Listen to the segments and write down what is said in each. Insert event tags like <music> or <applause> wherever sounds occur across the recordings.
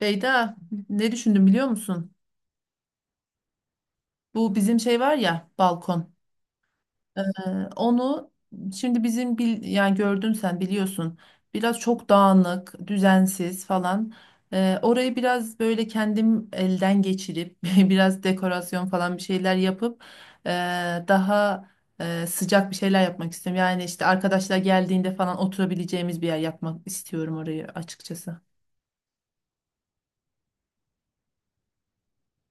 Beyda, ne düşündüm biliyor musun? Bu bizim şey var ya balkon. Ee, onu şimdi bizim yani gördün sen biliyorsun. Biraz çok dağınık, düzensiz falan. Orayı biraz böyle kendim elden geçirip <laughs> biraz dekorasyon falan bir şeyler yapıp ee, daha sıcak bir şeyler yapmak istiyorum. Yani işte arkadaşlar geldiğinde falan oturabileceğimiz bir yer yapmak istiyorum orayı açıkçası.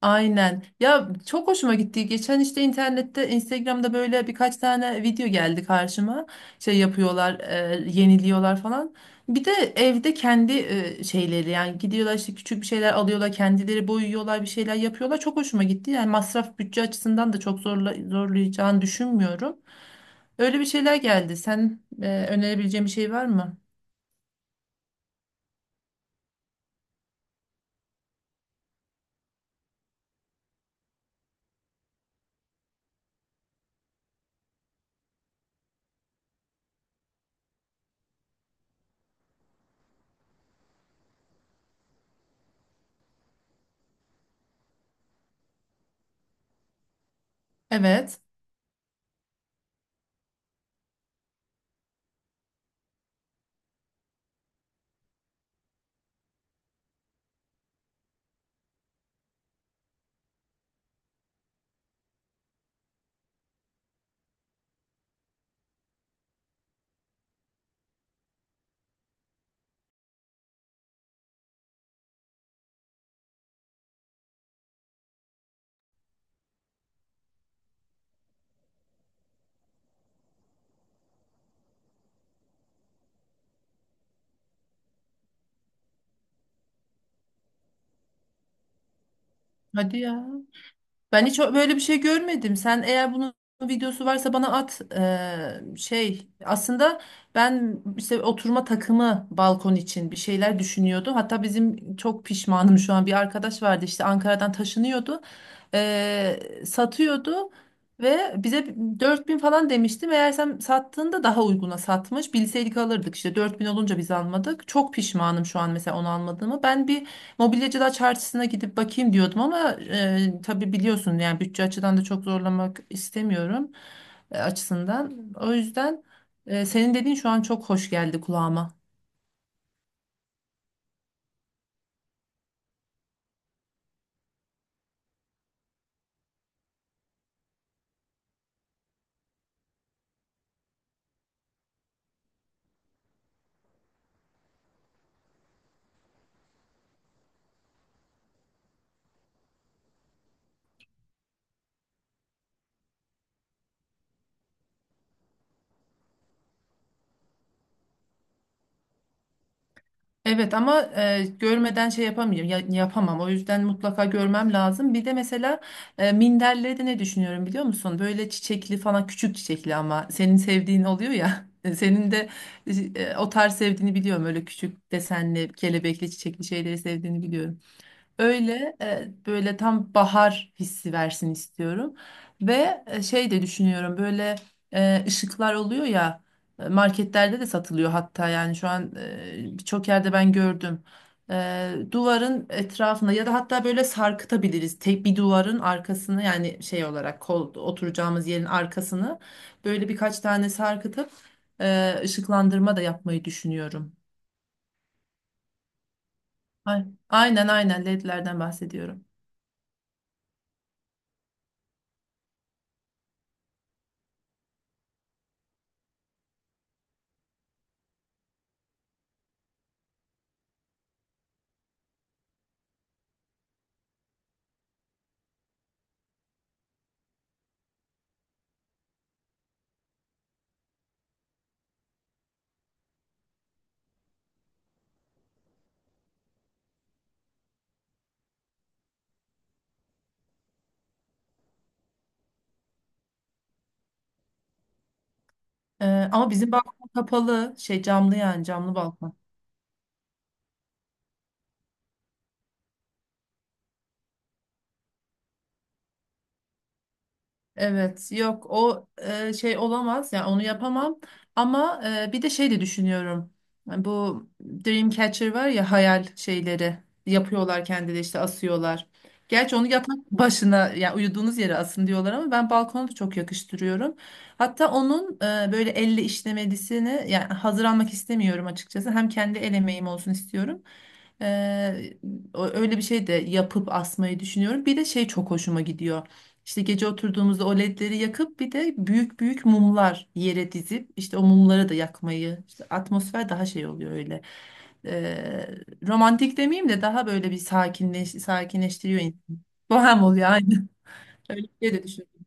Aynen. Ya çok hoşuma gitti. Geçen işte internette, Instagram'da böyle birkaç tane video geldi karşıma. Şey yapıyorlar, yeniliyorlar falan. Bir de evde kendi şeyleri yani gidiyorlar işte küçük bir şeyler alıyorlar, kendileri boyuyorlar, bir şeyler yapıyorlar. Çok hoşuma gitti. Yani masraf bütçe açısından da çok zorlayacağını düşünmüyorum. Öyle bir şeyler geldi. Sen önerebileceğin bir şey var mı? Evet. Hadi ya. Ben hiç böyle bir şey görmedim. Sen eğer bunun videosu varsa bana at. Şey aslında ben işte oturma takımı balkon için bir şeyler düşünüyordu. Hatta bizim çok pişmanım şu an bir arkadaş vardı işte Ankara'dan taşınıyordu. Ee, satıyordu ve bize 4.000 falan demişti. Meğersem sattığında daha uyguna satmış. Bilseydik alırdık işte 4.000 olunca biz almadık. Çok pişmanım şu an mesela onu almadığımı. Ben bir Mobilyacılar çarşısına gidip bakayım diyordum ama tabii biliyorsun yani bütçe açıdan da çok zorlamak istemiyorum açısından. O yüzden senin dediğin şu an çok hoş geldi kulağıma. Evet ama görmeden şey yapamayacağım yapamam, o yüzden mutlaka görmem lazım. Bir de mesela minderleri de ne düşünüyorum biliyor musun? Böyle çiçekli falan küçük çiçekli, ama senin sevdiğin oluyor ya. <laughs> Senin de o tarz sevdiğini biliyorum, öyle küçük desenli kelebekli çiçekli şeyleri sevdiğini biliyorum. Öyle böyle tam bahar hissi versin istiyorum. Ve şey de düşünüyorum, böyle ışıklar oluyor ya, marketlerde de satılıyor hatta, yani şu an birçok yerde ben gördüm. Duvarın etrafında ya da hatta böyle sarkıtabiliriz. Tek bir duvarın arkasını, yani şey olarak kol oturacağımız yerin arkasını böyle birkaç tane sarkıtıp ışıklandırma da yapmayı düşünüyorum. Aynen, aynen LED'lerden bahsediyorum. Ee, ama bizim balkon kapalı, şey camlı, yani camlı balkon. Evet, yok o şey olamaz, yani onu yapamam, ama bir de şey de düşünüyorum. Yani bu Dreamcatcher var ya, hayal şeyleri yapıyorlar kendileri, işte asıyorlar. Gerçi onu yatak <laughs> başına, yani uyuduğunuz yere asın diyorlar, ama ben balkona da çok yakıştırıyorum. Hatta onun böyle elle işlemelisini, yani hazır almak istemiyorum açıkçası, hem kendi el emeğim olsun istiyorum. E, öyle bir şey de yapıp asmayı düşünüyorum. Bir de şey çok hoşuma gidiyor. İşte gece oturduğumuzda o ledleri yakıp bir de büyük büyük mumlar yere dizip işte o mumları da yakmayı, işte atmosfer daha şey oluyor öyle. Ee, romantik demeyeyim de daha böyle bir sakinleştiriyor insanı. Bohem oluyor aynı. <laughs> Öyle bir şey de düşünüyorum.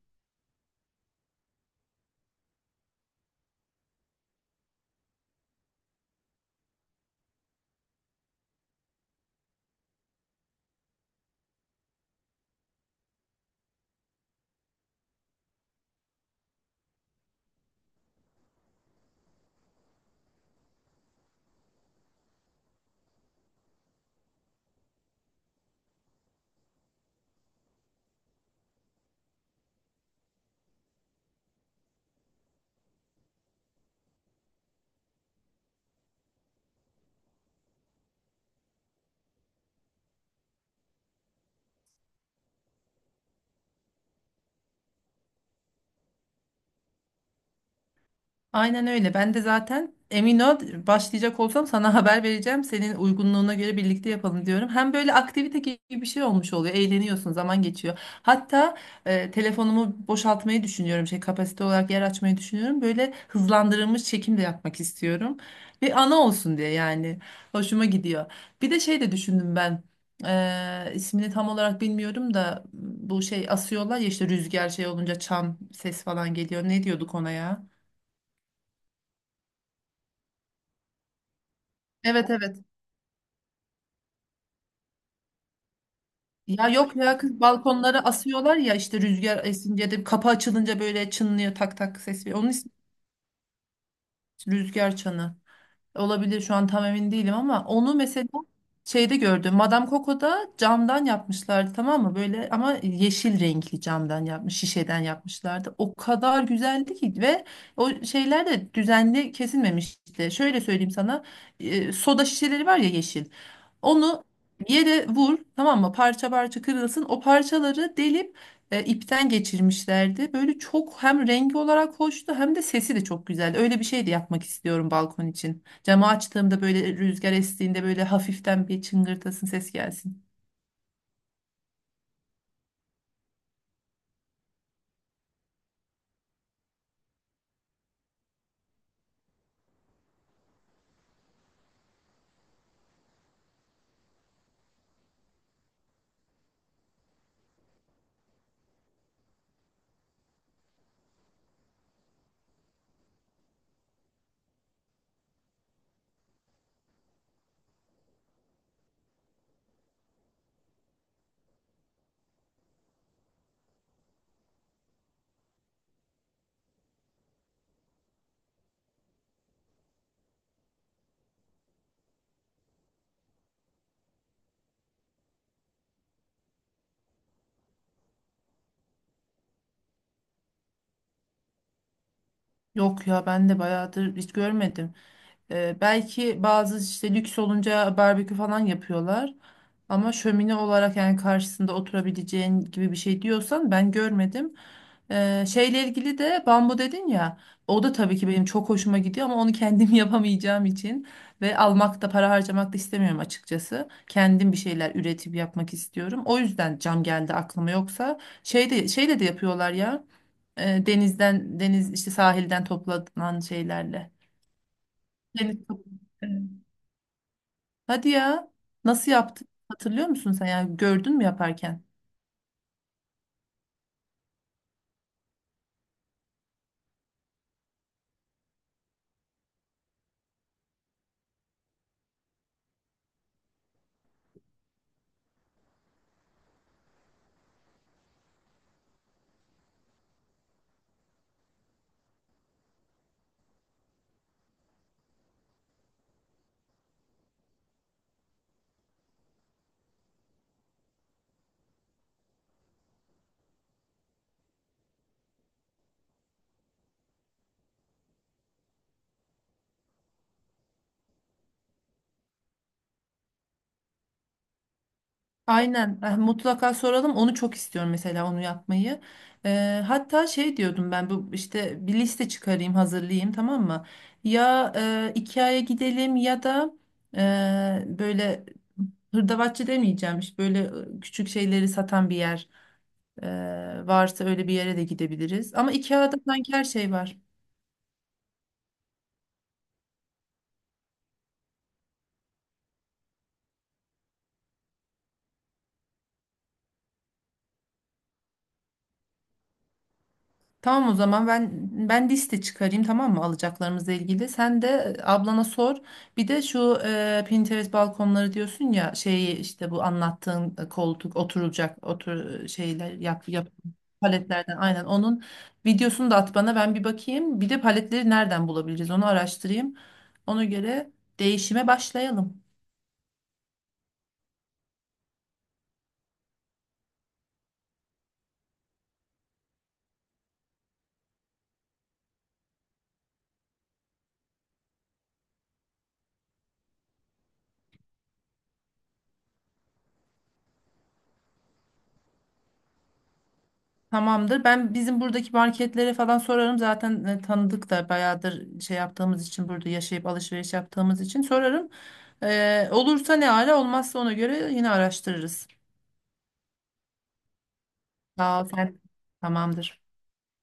Aynen öyle. Ben de zaten emin ol, başlayacak olsam sana <laughs> haber vereceğim. Senin uygunluğuna göre birlikte yapalım diyorum. Hem böyle aktivite gibi bir şey olmuş oluyor. Eğleniyorsun, zaman geçiyor. Hatta telefonumu boşaltmayı düşünüyorum. Şey, kapasite olarak yer açmayı düşünüyorum. Böyle hızlandırılmış çekim de yapmak istiyorum. Bir ana olsun diye yani. Hoşuma gidiyor. Bir de şey de düşündüm ben. E, ismini tam olarak bilmiyorum da bu şey asıyorlar ya işte, rüzgar şey olunca çan ses falan geliyor. Ne diyorduk ona ya? Evet, evet. Ya yok ya, kız balkonlara asıyorlar ya, işte rüzgar esince de kapı açılınca böyle çınlıyor, tak tak ses veriyor. Onun ismi rüzgar çanı. Olabilir, şu an tam emin değilim, ama onu mesela şeyde gördüm. Madame Coco'da camdan yapmışlardı, tamam mı? Böyle, ama yeşil renkli camdan yapmış, şişeden yapmışlardı. O kadar güzeldi ki, ve o şeyler de düzenli kesilmemişti. Şöyle söyleyeyim sana. Soda şişeleri var ya yeşil. Onu yere vur, tamam mı? Parça parça kırılsın. O parçaları delip ipten geçirmişlerdi. Böyle çok hem rengi olarak hoştu hem de sesi de çok güzeldi. Öyle bir şey de yapmak istiyorum balkon için. Camı açtığımda böyle, rüzgar estiğinde böyle hafiften bir çıngırtasın ses gelsin. Yok ya, ben de bayağıdır hiç görmedim. Belki bazı işte lüks olunca barbekü falan yapıyorlar. Ama şömine olarak, yani karşısında oturabileceğin gibi bir şey diyorsan, ben görmedim. Şeyle ilgili de bambu dedin ya. O da tabii ki benim çok hoşuma gidiyor, ama onu kendim <laughs> yapamayacağım için ve almak da, para harcamak da istemiyorum açıkçası. Kendim bir şeyler üretip yapmak istiyorum. O yüzden cam geldi aklıma, yoksa şeyde şeyle de yapıyorlar ya. Deniz işte, sahilden toplanan şeylerle. Seni kabul- Evet. Hadi ya. Nasıl yaptın? Hatırlıyor musun sen? Yani gördün mü yaparken? Aynen. Mutlaka soralım. Onu çok istiyorum, mesela onu yapmayı. Hatta şey diyordum ben, bu işte bir liste çıkarayım, hazırlayayım, tamam mı? Ya IKEA'ya gidelim ya da böyle hırdavatçı demeyeceğim. İşte böyle küçük şeyleri satan bir yer varsa öyle bir yere de gidebiliriz. Ama IKEA'da sanki her şey var. Tamam, o zaman ben liste çıkarayım, tamam mı, alacaklarımızla ilgili. Sen de ablana sor. Bir de şu Pinterest balkonları diyorsun ya, şeyi işte, bu anlattığın koltuk oturulacak şeyler yap yap paletlerden, aynen, onun videosunu da at bana, ben bir bakayım. Bir de paletleri nereden bulabiliriz, onu araştırayım. Ona göre değişime başlayalım. Tamamdır. Ben bizim buradaki marketlere falan sorarım. Zaten tanıdık da bayağıdır, şey yaptığımız için, burada yaşayıp alışveriş yaptığımız için sorarım. Olursa ne ara, olmazsa ona göre yine araştırırız. Sağ ol sen. Tamamdır.